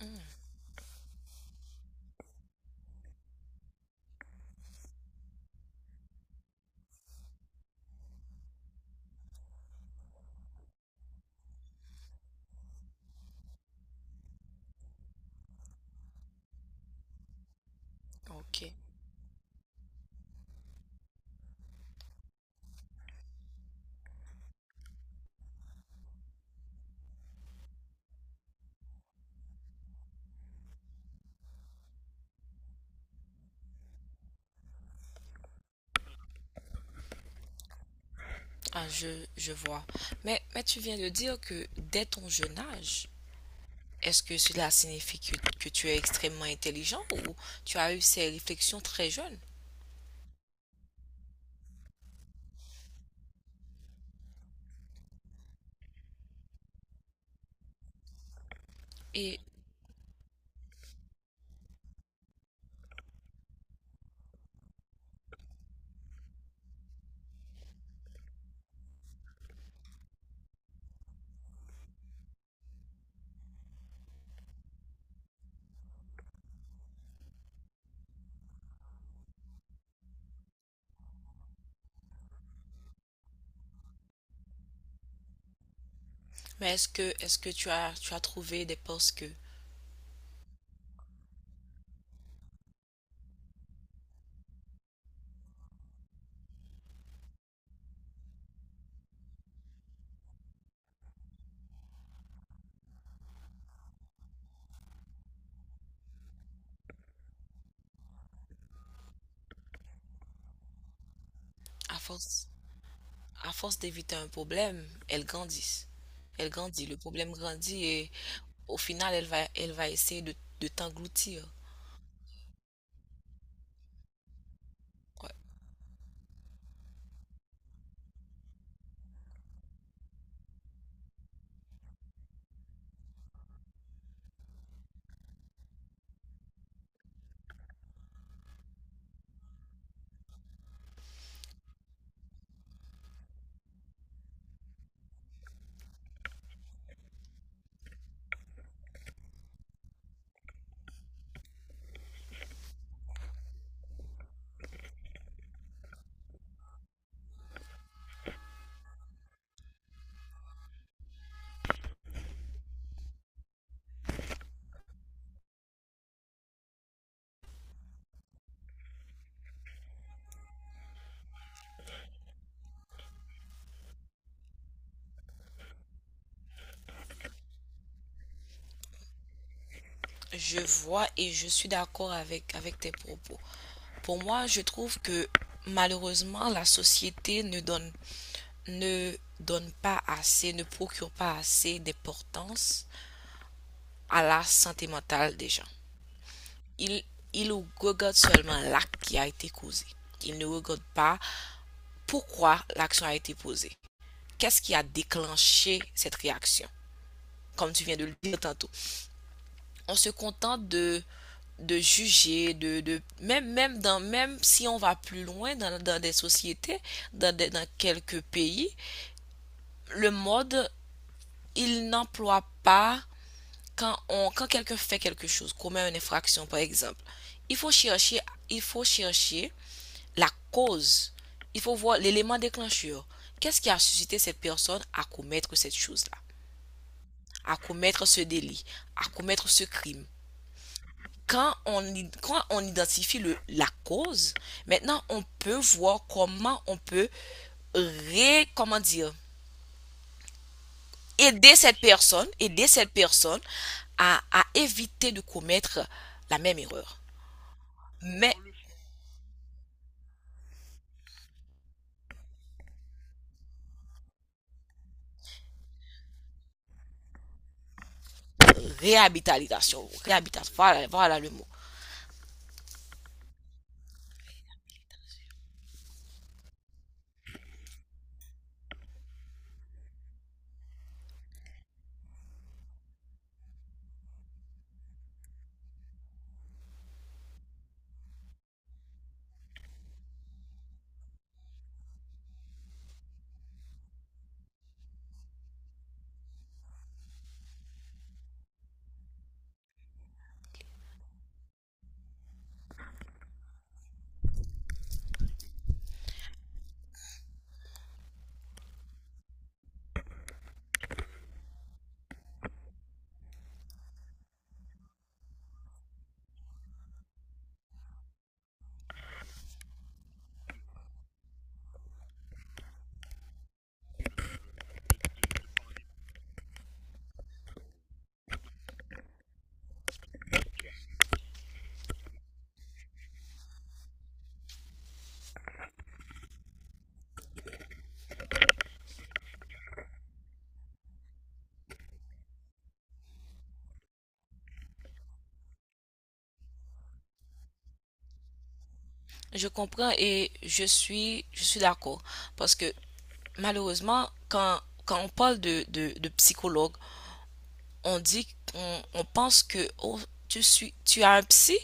Hmm, ok. Ah, je vois. Mais tu viens de dire que dès ton jeune âge, est-ce que cela signifie que tu es extrêmement intelligent ou tu as eu ces réflexions très jeune? Et, mais est-ce que tu as trouvé des postes que, à force, à force d'éviter un problème, elles grandissent. Elle grandit, le problème grandit et au final, elle va essayer de t'engloutir. Ouais. Je vois et je suis d'accord avec, avec tes propos. Pour moi, je trouve que malheureusement, la société ne donne, ne donne pas assez, ne procure pas assez d'importance à la santé mentale des gens. Il, il regarde seulement l'acte qui a été causé. Il ne regarde pas pourquoi l'action a été posée. Qu'est-ce qui a déclenché cette réaction? Comme tu viens de le dire tantôt, on se contente de juger, de même, même, dans, même si on va plus loin dans, dans des sociétés, dans, dans quelques pays, le mode, il n'emploie pas quand, on, quand quelqu'un fait quelque chose, commet une infraction par exemple. Il faut chercher, il faut chercher la cause. Il faut voir l'élément déclencheur. Qu'est-ce qui a suscité cette personne à commettre cette chose-là, à commettre ce délit, à commettre ce crime? quand on, quand on identifie le, la cause, maintenant on peut voir comment on peut ré, comment dire, aider cette personne à éviter de commettre la même erreur. Mais réhabilitation, réhabilitation, voilà, voilà le mot. Je comprends et je suis d'accord parce que malheureusement, quand, quand on parle de psychologue, on dit, on pense que oh, tu suis, tu as un psy,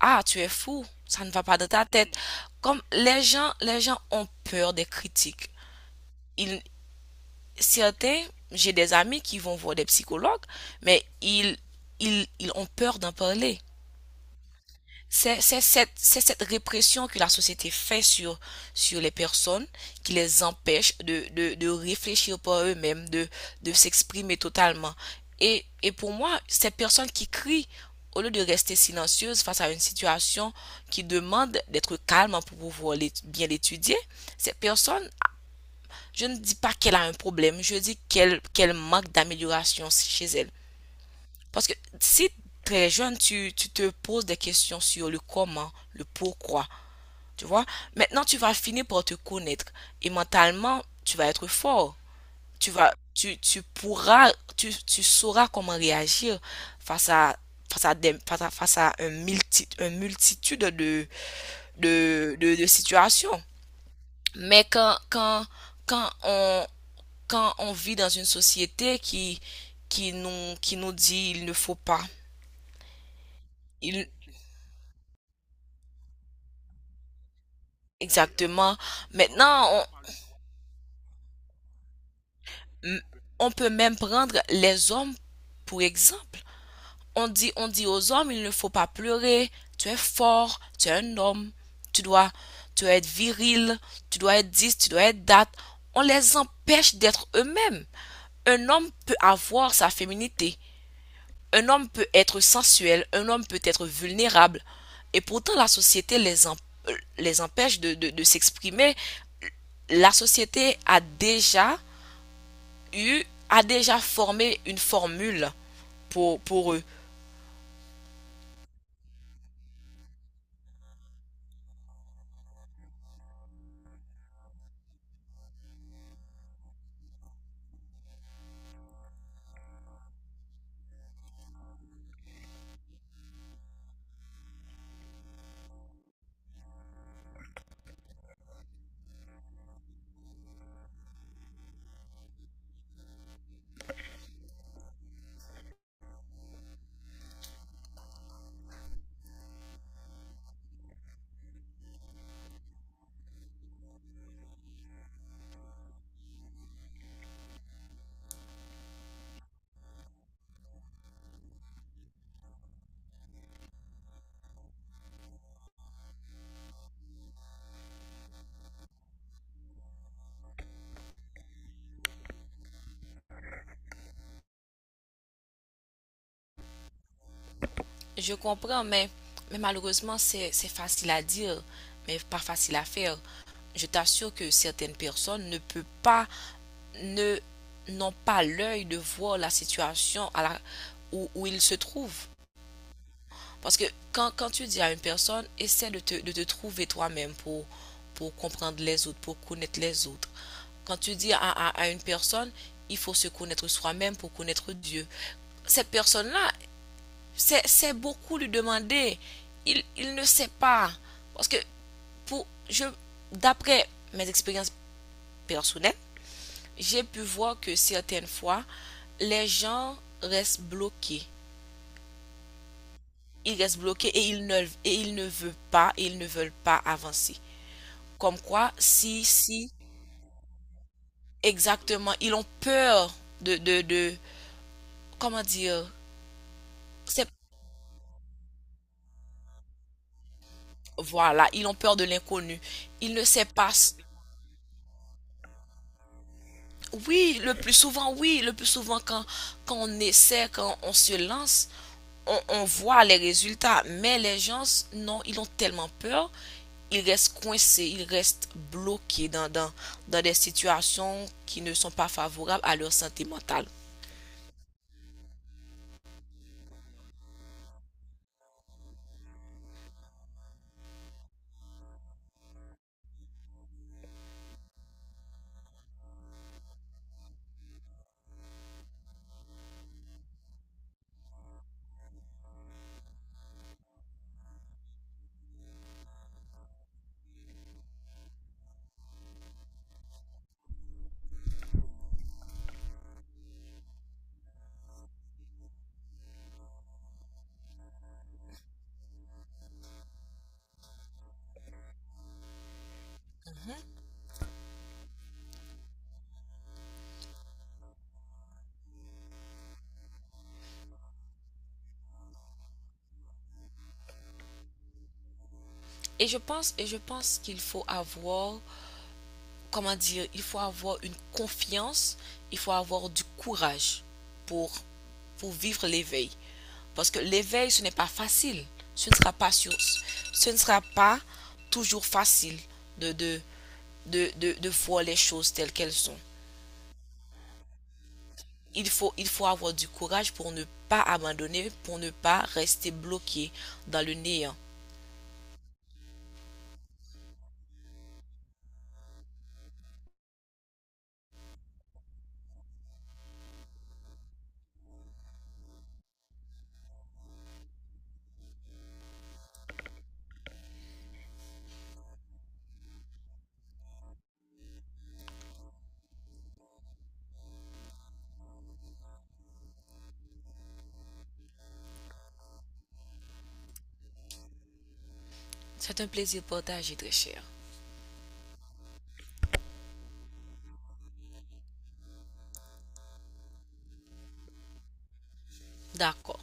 ah, tu es fou, ça ne va pas dans ta tête. Comme les gens ont peur des critiques. Ils, certains, j'ai des amis qui vont voir des psychologues, mais ils, ils ont peur d'en parler. C'est c'est cette répression que la société fait sur, sur les personnes qui les empêche de réfléchir par eux-mêmes, de s'exprimer totalement. Et pour moi, ces personnes qui crient, au lieu de rester silencieuses face à une situation qui demande d'être calme pour pouvoir bien l'étudier, cette personne, je ne dis pas qu'elle a un problème, je dis qu'elle manque d'amélioration chez elle. Parce que si très jeune, tu te poses des questions sur le comment, le pourquoi, tu vois, maintenant tu vas finir par te connaître et mentalement, tu vas être fort. Tu vas, tu pourras, tu sauras comment réagir face à, face à, face à, face à un multi, une multitude de situations. Mais quand, quand, quand on, quand on vit dans une société qui nous dit il ne faut pas, il, Exactement. Maintenant, on, m- on peut même prendre les hommes pour exemple. On dit aux hommes, il ne faut pas pleurer, tu es fort, tu es un homme, tu dois, tu dois être viril, tu dois être 10, tu dois être date. On les empêche d'être eux-mêmes. Un homme peut avoir sa féminité, un homme peut être sensuel, un homme peut être vulnérable, et pourtant la société les, les empêche de, de s'exprimer. La société a déjà eu, a déjà formé une formule pour eux. Je comprends, mais malheureusement, c'est facile à dire, mais pas facile à faire. Je t'assure que certaines personnes ne peuvent pas, n'ont pas l'œil de voir la situation à la, où, où ils se trouvent. Parce que quand, quand tu dis à une personne, essaie de te trouver toi-même pour comprendre les autres, pour connaître les autres. Quand tu dis à, à une personne, il faut se connaître soi-même pour connaître Dieu. Cette personne-là, c'est beaucoup lui demander. Il ne sait pas. Parce que pour, je, d'après mes expériences personnelles, j'ai pu voir que certaines fois, les gens restent bloqués ils restent bloqués et ils ne veulent pas, et ils ne veulent pas avancer. Comme quoi, si, si, exactement, ils ont peur de comment dire, c'est, voilà, ils ont peur de l'inconnu. Ils ne savent pas. Oui, le plus souvent, oui, le plus souvent quand, quand on essaie, quand on se lance, on voit les résultats. Mais les gens, non, ils ont tellement peur, ils restent coincés, ils restent bloqués dans, dans, dans des situations qui ne sont pas favorables à leur santé mentale. Et je pense qu'il faut avoir comment dire, il faut avoir une confiance, il faut avoir du courage pour, pour vivre l'éveil. Parce que l'éveil, ce n'est pas facile. Ce ne sera pas, ce ne sera pas toujours facile de, de, de voir les choses telles qu'elles sont. Il faut avoir du courage pour ne pas abandonner, pour ne pas rester bloqué dans le néant. C'est un plaisir partagé, très cher. D'accord.